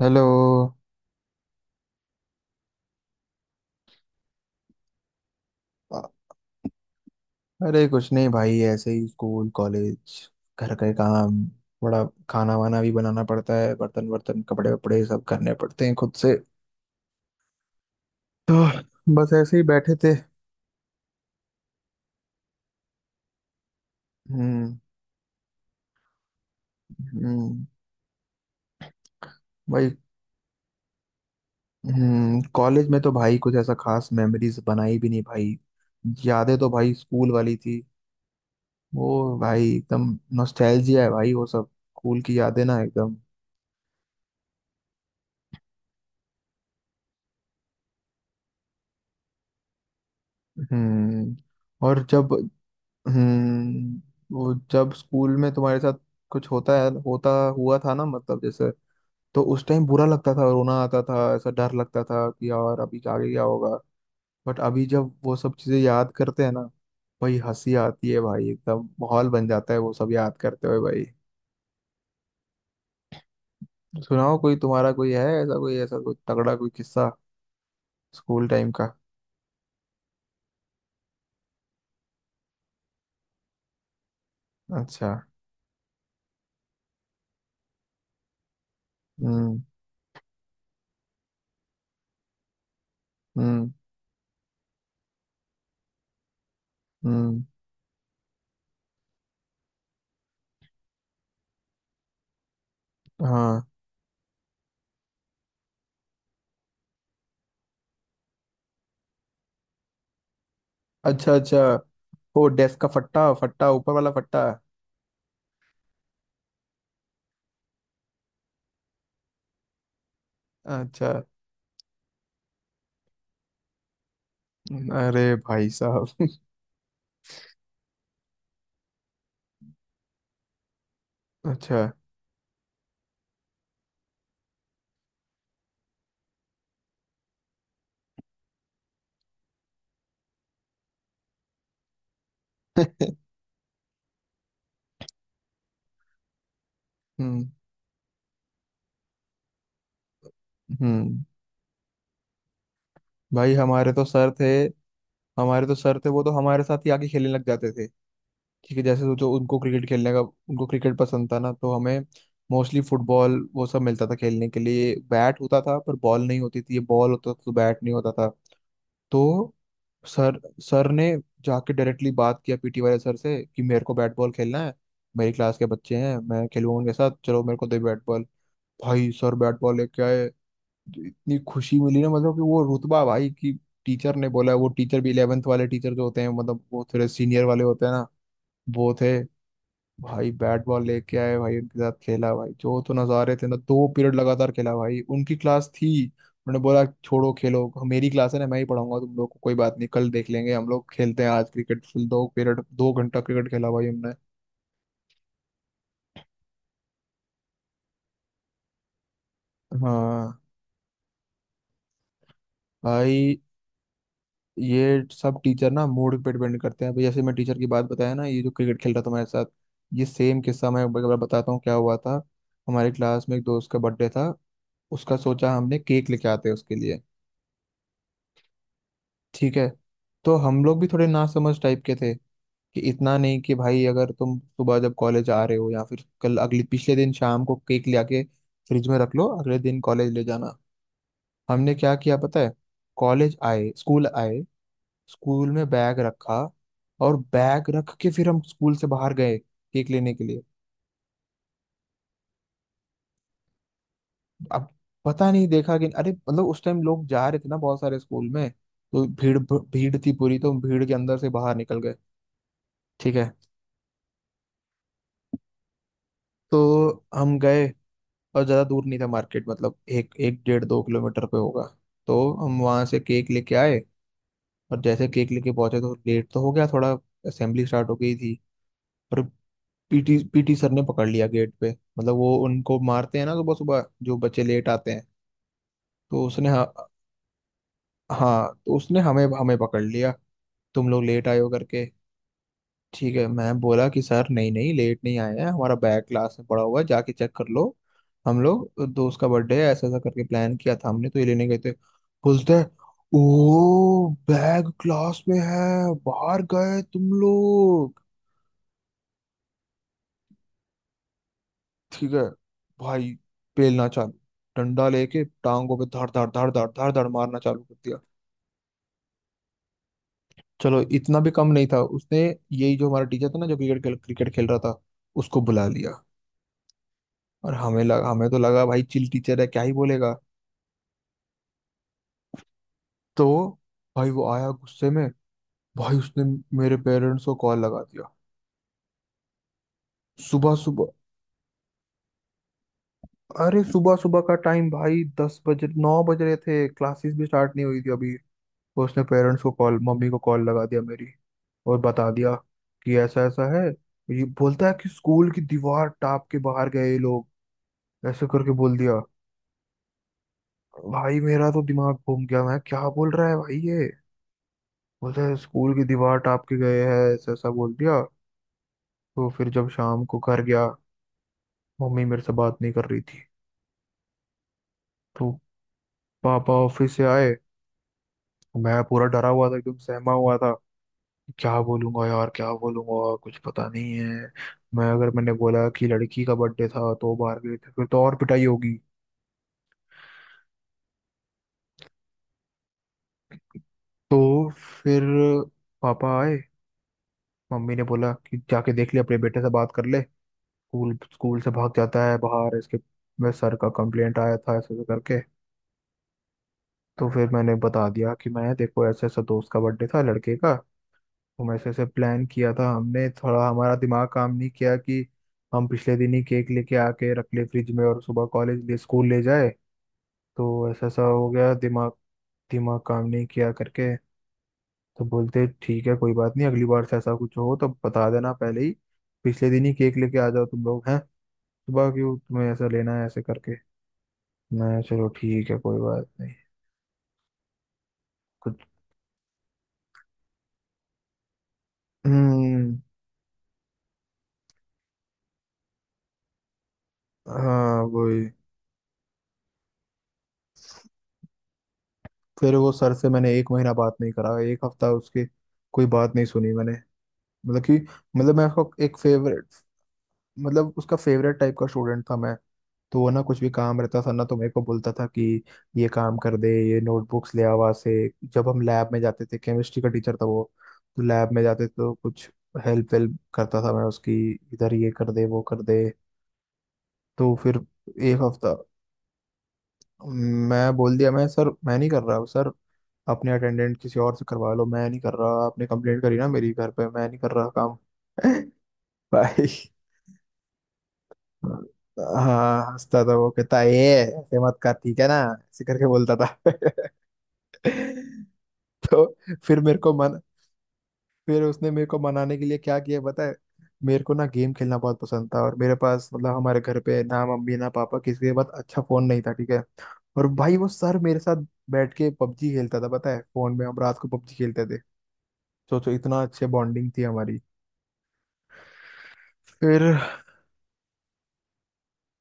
Hello. अ- अरे कुछ नहीं भाई, ऐसे ही स्कूल कॉलेज घर के काम। बड़ा खाना वाना भी बनाना पड़ता है, बर्तन वर्तन कपड़े वपड़े सब करने पड़ते हैं खुद से। तो बस ऐसे ही बैठे थे। हम्म। हम्म भाई। कॉलेज में तो भाई कुछ ऐसा खास मेमोरीज बनाई भी नहीं भाई। यादें तो भाई स्कूल वाली थी, वो भाई एकदम नॉस्टैल्जिया है भाई, वो सब स्कूल की यादें ना एकदम। हम्म। और जब, हम्म वो जब स्कूल में तुम्हारे साथ कुछ होता है, होता हुआ था ना, मतलब जैसे, तो उस टाइम बुरा लगता था, रोना आता था, ऐसा डर लगता था कि यार अभी आगे क्या होगा। बट अभी जब वो सब चीजें याद करते हैं ना भाई, हंसी आती है भाई, एकदम माहौल बन जाता है वो सब याद करते हुए भाई। सुनाओ, कोई तुम्हारा, कोई है ऐसा, कोई ऐसा कोई तगड़ा कोई किस्सा स्कूल टाइम का। अच्छा। हम्म। हम्म। हम्म। हाँ। अच्छा अच्छा, वो डेस्क का फट्टा फट्टा ऊपर वाला फट्टा। अच्छा। अरे भाई साहब। अच्छा। हम्म। हम्म भाई, हमारे तो सर थे। हमारे तो सर थे, वो तो हमारे साथ ही आके खेलने लग जाते थे। ठीक है, जैसे सोचो उनको क्रिकेट खेलने का, उनको क्रिकेट पसंद था ना, तो हमें मोस्टली फुटबॉल वो सब मिलता था खेलने के लिए, बैट होता था पर बॉल नहीं होती थी, ये बॉल होता था तो बैट नहीं होता था। तो सर सर ने जाके डायरेक्टली बात किया पीटी वाले सर से कि मेरे को बैट बॉल खेलना है, मेरी क्लास के बच्चे हैं, मैं खेलूंगा उनके साथ, चलो मेरे को दे बैट बॉल। भाई सर बैट बॉल लेके आए, जो इतनी खुशी मिली ना, मतलब कि वो रुतबा भाई की टीचर ने बोला है। वो टीचर भी इलेवेंथ वाले टीचर जो होते हैं, मतलब वो थोड़े सीनियर वाले होते हैं ना, वो थे। भाई बैट बॉल लेके आए भाई, उनके साथ खेला भाई, जो तो नजारे थे ना, 2 पीरियड लगातार खेला भाई, उनकी क्लास थी, उन्होंने बोला छोड़ो खेलो मेरी क्लास है ना, मैं ही पढ़ाऊंगा तुम लोग को, कोई बात नहीं कल देख लेंगे, हम लोग खेलते हैं आज क्रिकेट, फिर 2 पीरियड 2 घंटा क्रिकेट खेला भाई हमने। हाँ। भाई ये सब टीचर ना मूड पे डिपेंड करते हैं, अभी जैसे मैं टीचर की बात बताया ना, ये जो क्रिकेट खेल रहा था हमारे साथ, ये सेम किस्सा मैं एक बार बताता हूँ क्या हुआ था। हमारे क्लास में एक दोस्त का बर्थडे था, उसका सोचा हमने केक लेके आते हैं उसके लिए, ठीक है। तो हम लोग भी थोड़े नासमझ टाइप के थे, कि इतना नहीं कि भाई अगर तुम सुबह जब कॉलेज आ रहे हो या फिर कल अगले पिछले दिन शाम को केक ले आके फ्रिज में रख लो, अगले दिन कॉलेज ले जाना। हमने क्या किया पता है, कॉलेज आए स्कूल आए, स्कूल में बैग रखा, और बैग रख के फिर हम स्कूल से बाहर गए केक लेने के लिए। अब पता नहीं देखा कि अरे, मतलब उस टाइम लोग जा रहे थे ना बहुत सारे स्कूल में, तो भीड़ भीड़ थी पूरी, तो हम भीड़ के अंदर से बाहर निकल गए। ठीक है, तो हम गए, और ज़्यादा दूर नहीं था मार्केट, मतलब एक एक डेढ़ दो किलोमीटर पे होगा, तो हम वहाँ से केक लेके आए। और जैसे केक लेके पहुंचे तो लेट तो हो गया थोड़ा, असेंबली स्टार्ट हो गई थी, पर पीटी पीटी सर ने पकड़ लिया गेट पे, मतलब वो उनको मारते हैं ना सुबह सुबह जो बच्चे लेट आते हैं। तो उसने, हाँ, हाँ, तो उसने हमें हमें पकड़ लिया, तुम लोग लेट आए हो करके। ठीक है, मैं बोला कि सर नहीं नहीं लेट नहीं आए हैं, हमारा बैग क्लास में पड़ा हुआ है जाके चेक कर लो, हम लोग दोस्त का बर्थडे है ऐसा ऐसा करके प्लान किया था हमने, तो ये लेने गए थे। बोलते हैं ओ बैग क्लास में है, बाहर गए तुम लोग, ठीक है भाई, बेलना चालू। डंडा लेके टांगों पे धाड़ धाड़ धाड़ धाड़ धाड़ धाड़ मारना चालू कर दिया। चलो, इतना भी कम नहीं था उसने, यही जो हमारा टीचर था ना, जो क्रिकेट खेल रहा था, उसको बुला लिया। और हमें लगा, हमें तो लगा भाई चिल टीचर है क्या ही बोलेगा। तो भाई वो आया गुस्से में, भाई उसने मेरे पेरेंट्स को कॉल लगा दिया, सुबह सुबह। अरे सुबह सुबह का टाइम भाई, 10 बजे, 9 बज रहे थे, क्लासेस भी स्टार्ट नहीं हुई थी अभी। तो उसने पेरेंट्स को कॉल, मम्मी को कॉल लगा दिया मेरी, और बता दिया कि ऐसा ऐसा है, ये बोलता है कि स्कूल की दीवार टाप के बाहर गए ये लोग, ऐसे करके बोल दिया। भाई मेरा तो दिमाग घूम गया, मैं क्या बोल रहा है भाई ये, बोलता है स्कूल की दीवार टाप के गए हैं, ऐसा ऐसा बोल दिया। तो फिर जब शाम को घर गया, मम्मी मेरे से बात नहीं कर रही थी, तो पापा ऑफिस से आए, मैं पूरा डरा हुआ था एकदम सहमा हुआ था, क्या बोलूंगा यार क्या बोलूंगा कुछ पता नहीं है, मैं अगर मैंने बोला कि लड़की का बर्थडे था तो बाहर गए थे, फिर तो और पिटाई होगी। तो फिर पापा आए, मम्मी ने बोला कि जाके देख ले, अपने बेटे से बात कर ले, स्कूल स्कूल से भाग जाता है बाहर इसके, मैं सर का कंप्लेंट आया था ऐसे ऐसे करके। तो फिर मैंने बता दिया कि मैं देखो ऐसे, ऐसा दोस्त का बर्थडे था लड़के का, हम ऐसे ऐसे प्लान किया था हमने, थोड़ा हमारा दिमाग काम नहीं किया कि हम पिछले दिन ही केक लेके आके रख ले फ्रिज में और सुबह कॉलेज ले स्कूल ले जाए, तो ऐसा ऐसा हो गया, दिमाग, दिमाग काम नहीं किया करके। तो बोलते ठीक है कोई बात नहीं, अगली बार से ऐसा कुछ हो तो बता देना पहले ही, पिछले दिन ही केक लेके आ जाओ तुम लोग हैं, सुबह क्यों तुम्हें ऐसा लेना है, ऐसे करके। मैं चलो ठीक है कोई बात नहीं। कुछ। हम्म। हाँ वही। फिर वो सर से मैंने एक महीना बात नहीं करा, एक हफ्ता उसकी कोई बात नहीं सुनी मैंने। मतलब कि, मतलब मैं उसका एक फेवरेट, मतलब उसका फेवरेट टाइप का स्टूडेंट था मैं, तो वो ना कुछ भी काम रहता था ना तो मेरे को बोलता था कि ये काम कर दे ये नोटबुक्स ले आ वहाँ से, जब हम लैब में जाते थे, केमिस्ट्री का टीचर था वो, तो लैब में जाते थे तो कुछ हेल्प वेल्प करता था मैं उसकी, इधर ये कर दे वो कर दे। तो फिर एक हफ्ता मैं बोल दिया, मैं सर मैं नहीं कर रहा सर, अपने अटेंडेंट किसी और से करवा लो, मैं नहीं कर रहा, आपने कंप्लेंट करी ना मेरी घर पे, मैं नहीं कर रहा काम। भाई। हाँ हंसता था वो, कहता ये ऐसे मत कर ठीक है ना, ऐसे करके बोलता था। तो फिर मेरे को मन फिर उसने मेरे को मनाने के लिए क्या किया पता है, मेरे को ना गेम खेलना बहुत पसंद था, और मेरे पास मतलब हमारे घर पे ना मम्मी ना पापा किसी के पास अच्छा फोन नहीं था, ठीक है, और भाई वो सर मेरे साथ बैठ के पबजी खेलता था पता है, फोन में हम रात को पबजी खेलते थे, सोचो इतना अच्छे बॉन्डिंग थी हमारी। फिर।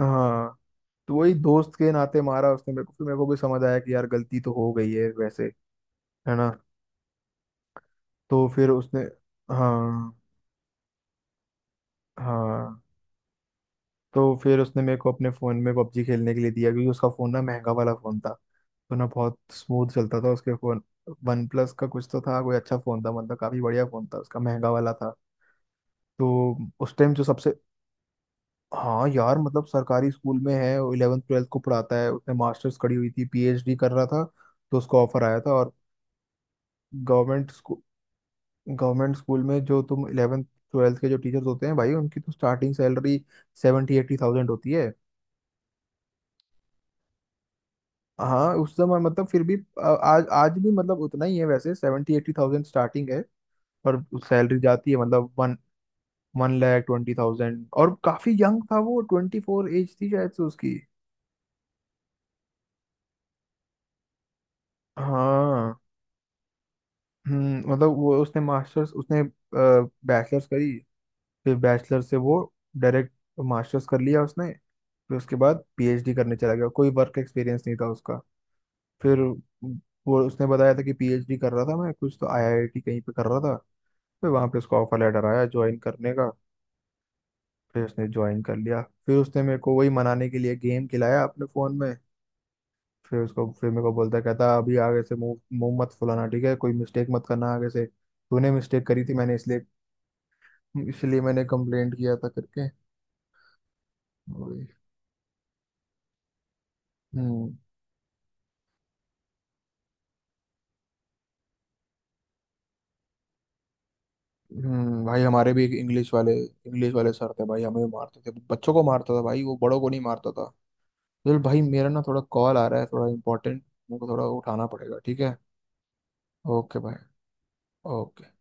हाँ। तो वही दोस्त के नाते मारा उसने मेरे को, फिर मेरे को भी समझ आया कि यार गलती तो हो गई है वैसे, है ना। तो फिर उसने, हाँ हाँ, तो फिर उसने मेरे को अपने फ़ोन में पबजी खेलने के लिए दिया, क्योंकि उसका फ़ोन ना महंगा वाला फ़ोन था, तो ना बहुत स्मूथ चलता था उसके फ़ोन। वन प्लस का कुछ तो था, कोई अच्छा फ़ोन था, मतलब काफ़ी बढ़िया फ़ोन था उसका, महंगा वाला था। तो उस टाइम जो सबसे, हाँ यार, मतलब सरकारी स्कूल में है, इलेवन ट्वेल्थ को पढ़ाता है, उसने मास्टर्स करी हुई थी, पीएचडी कर रहा था, तो उसको ऑफर आया था, और गवर्नमेंट स्कूल, गवर्नमेंट स्कूल में जो तुम इलेवन ट्वेल्थ के जो टीचर्स होते हैं भाई, उनकी तो स्टार्टिंग सैलरी 70-80 थाउजेंड होती है। हाँ उस समय, मतलब फिर भी आज आज भी मतलब उतना ही है वैसे, 70-80 थाउजेंड स्टार्टिंग है, पर सैलरी जाती है मतलब one one lakh twenty thousand. और काफी यंग था वो, 24 एज थी शायद से उसकी। हाँ। हम्म, मतलब वो उसने मास्टर्स, उसने बैचलर्स करी, फिर बैचलर से वो डायरेक्ट मास्टर्स कर लिया उसने, फिर उसके बाद पीएचडी करने चला गया, कोई वर्क एक्सपीरियंस नहीं था उसका। फिर वो उसने बताया था कि पीएचडी कर रहा था मैं, कुछ तो आईआईटी कहीं पे कर रहा था, फिर वहां पे उसको ऑफर लेटर आया ज्वाइन करने का। फिर उसने ज्वाइन कर लिया, फिर उसने मेरे को वही मनाने के लिए गेम खिलाया अपने फोन में। फिर मेरे को बोलता है, कहता अभी आगे से मुंह मुंह मत फुलाना, ठीक है, कोई मिस्टेक मत करना आगे से, तूने मिस्टेक करी थी मैंने इसलिए, इसलिए मैंने कंप्लेंट किया था करके। वही। हम्म। भाई, हमारे भी एक इंग्लिश वाले सर थे भाई, हमें मारते थे, बच्चों को मारता था भाई वो, बड़ों को नहीं मारता था। चल भाई, मेरा ना थोड़ा कॉल आ रहा है थोड़ा इंपॉर्टेंट, मेरे को थोड़ा उठाना पड़ेगा, ठीक है। ओके भाई। ओके।